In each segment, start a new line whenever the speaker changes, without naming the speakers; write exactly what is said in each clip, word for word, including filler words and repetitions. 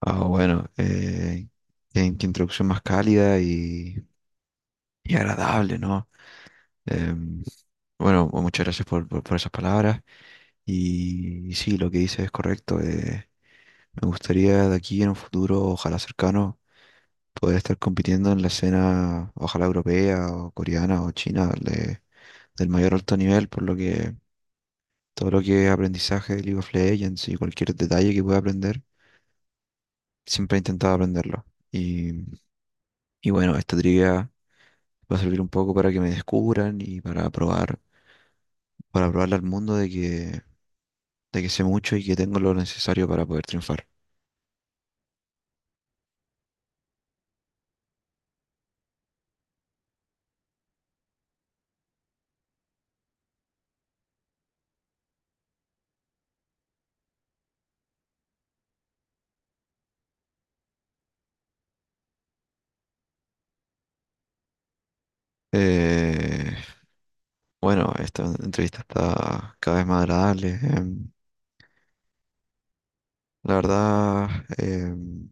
Ah, bueno, eh, qué, qué introducción más cálida y, y agradable, ¿no? Em, bueno, mu- muchas gracias por, por- por esas palabras. Y, y sí, lo que dices es correcto. Eh, me gustaría de aquí en un futuro, ojalá cercano, poder estar compitiendo en la escena, ojalá europea o coreana o china, de- del mayor alto nivel, por lo que todo lo que es aprendizaje de League of Legends y cualquier detalle que pueda aprender, siempre he intentado aprenderlo. Y, y bueno, esta trivia. Va a servir un poco para que me descubran y para probar, para probarle al mundo de que, de que sé mucho y que tengo lo necesario para poder triunfar. Eh, bueno, esta entrevista está cada vez más agradable. Em, la verdad, em,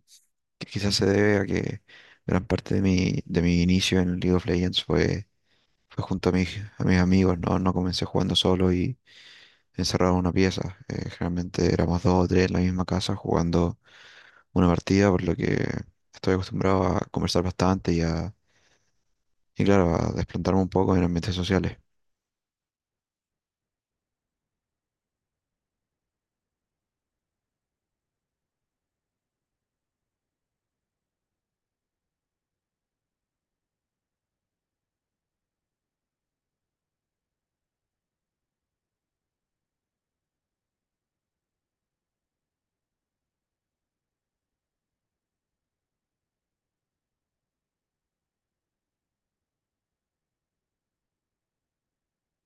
que quizás se debe a que gran parte de mi, de mi inicio en League of Legends fue Fue junto a mis, a mis amigos, ¿no? No comencé jugando solo y encerrado en una pieza. Eh, generalmente éramos dos o tres en la misma casa jugando una partida, por lo que estoy acostumbrado a conversar bastante y a, y claro, a desplantarme un poco en ambientes sociales.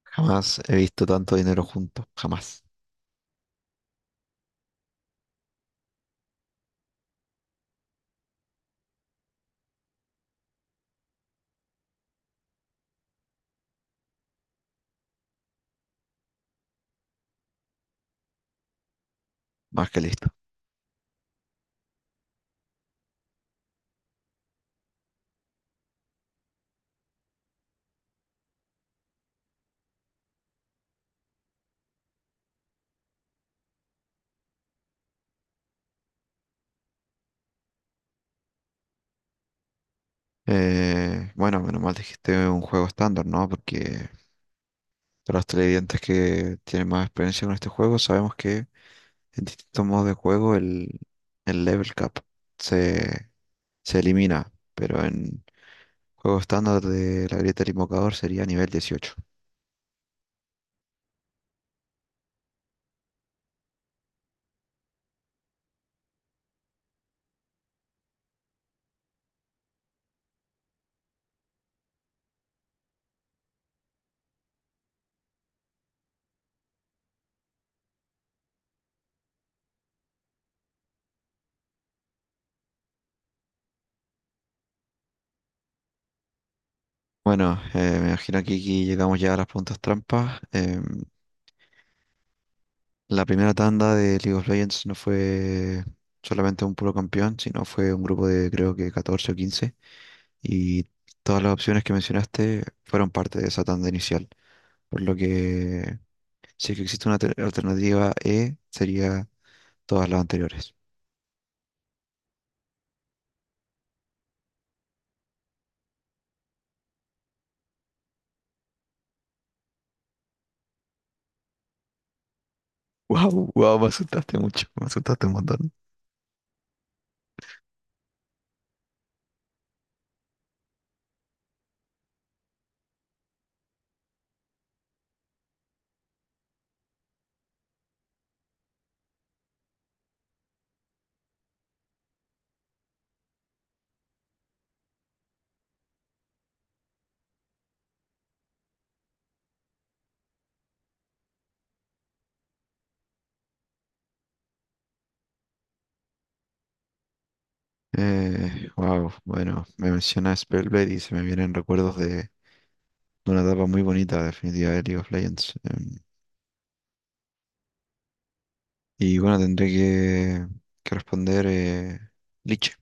Jamás he visto tanto dinero junto, jamás. Más que listo. Eh, bueno, menos mal dijiste un juego estándar, ¿no? Porque para los televidentes que tienen más experiencia con este juego, sabemos que en distintos modos de juego, el, el level cap se, se elimina, pero en juego estándar de la grieta del invocador sería nivel dieciocho. Bueno, eh, me imagino que aquí llegamos ya a las preguntas trampas. Em, la primera tanda de League of Legends no fue solamente un puro campeón, sino fue un grupo de creo que catorce o quince, y todas las opciones que mencionaste fueron parte de esa tanda inicial. Por lo que, si es que existe una alter- alternativa E, sería todas las anteriores. Wow, wow, me asustaste mucho, me asustaste un montón. Eh, wow, bueno, me menciona Spellblade y se me vienen recuerdos de, de una etapa muy bonita, definitiva, de League of Legends. Em, y bueno, tendré que, que responder, eh, Liche.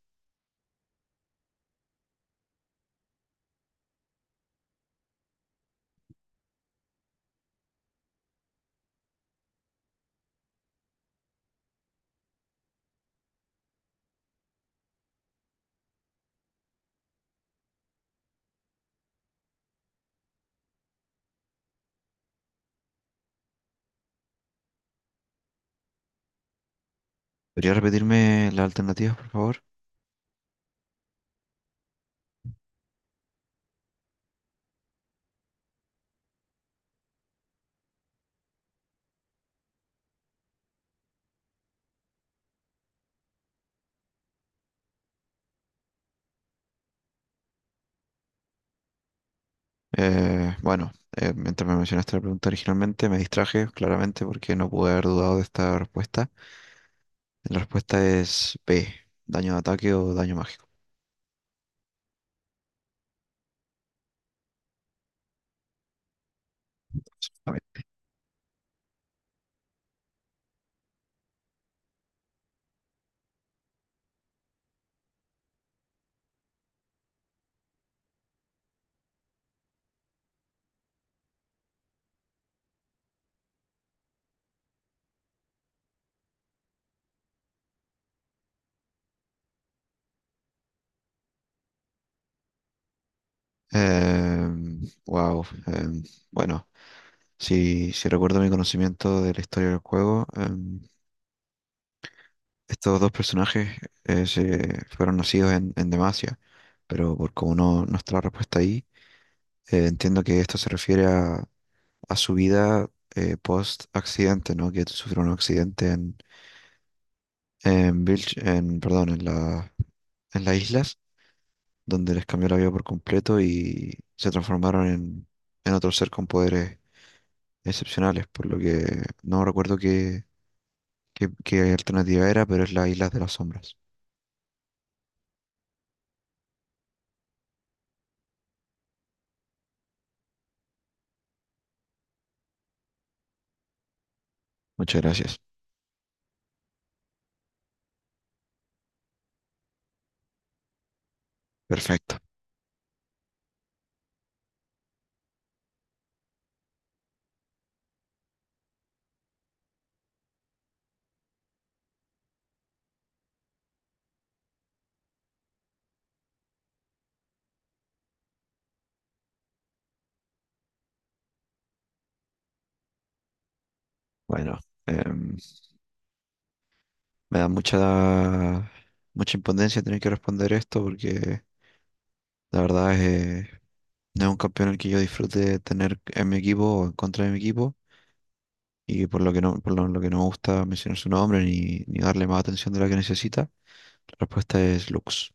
¿Podría repetirme las alternativas, por favor? Eh, bueno, eh, mientras me mencionaste la pregunta originalmente, me distraje claramente porque no pude haber dudado de esta respuesta. La respuesta es B, daño de ataque o daño mágico. A ver. Em, wow, em, bueno, si, si recuerdo mi conocimiento de la historia del juego, em, estos dos personajes, eh, se fueron nacidos en, en, Demacia, pero por como no, no está la respuesta ahí, eh, entiendo que esto se refiere a, a su vida post accidente, ¿no? Que sufrió un accidente en, en, Vilch- en, perdón, en la, en las islas, donde les cambió la vida por completo y se transformaron en, en otro ser con poderes excepcionales, por lo que no recuerdo qué, qué, qué alternativa era, pero es la islas de las Sombras. Muchas gracias. Perfecto. Bueno, em, me da mucha, mucha impotencia tener que responder esto porque la verdad es, eh, no es un campeón el que yo disfrute tener en mi equipo o en contra de mi equipo. Y por lo que no, por lo, lo que no me gusta mencionar su nombre ni, ni darle más atención de la que necesita, la respuesta es Lux.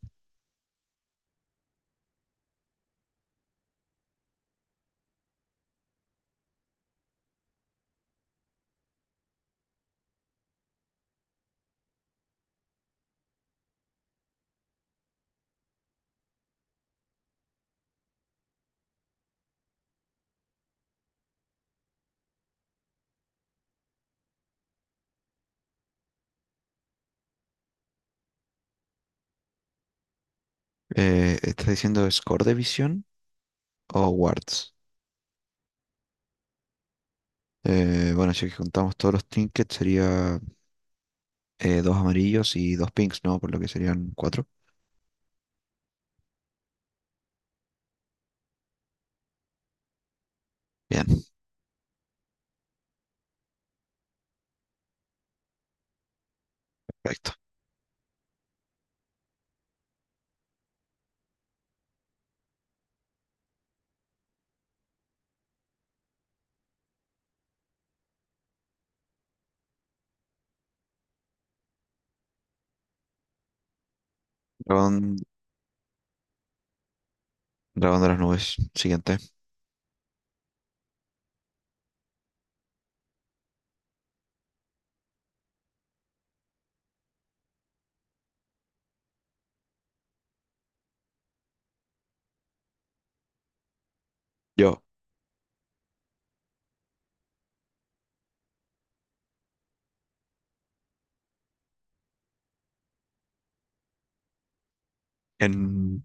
Eh, ¿estás diciendo Score de visión o Wards? Eh, bueno, si contamos todos los trinkets sería, eh, dos amarillos y dos pinks, ¿no? Por lo que serían cuatro. Bien, perfecto. Dragón, dragón de las nubes. Siguiente. Yo. En,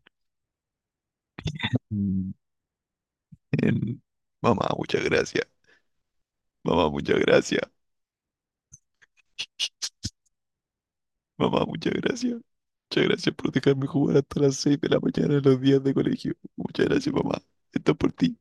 en... Mamá, muchas gracias. Mamá, muchas gracias. Mamá, muchas gracias. Muchas gracias por dejarme jugar hasta las seis de la mañana en los días de colegio. Muchas gracias, mamá. Esto es por ti.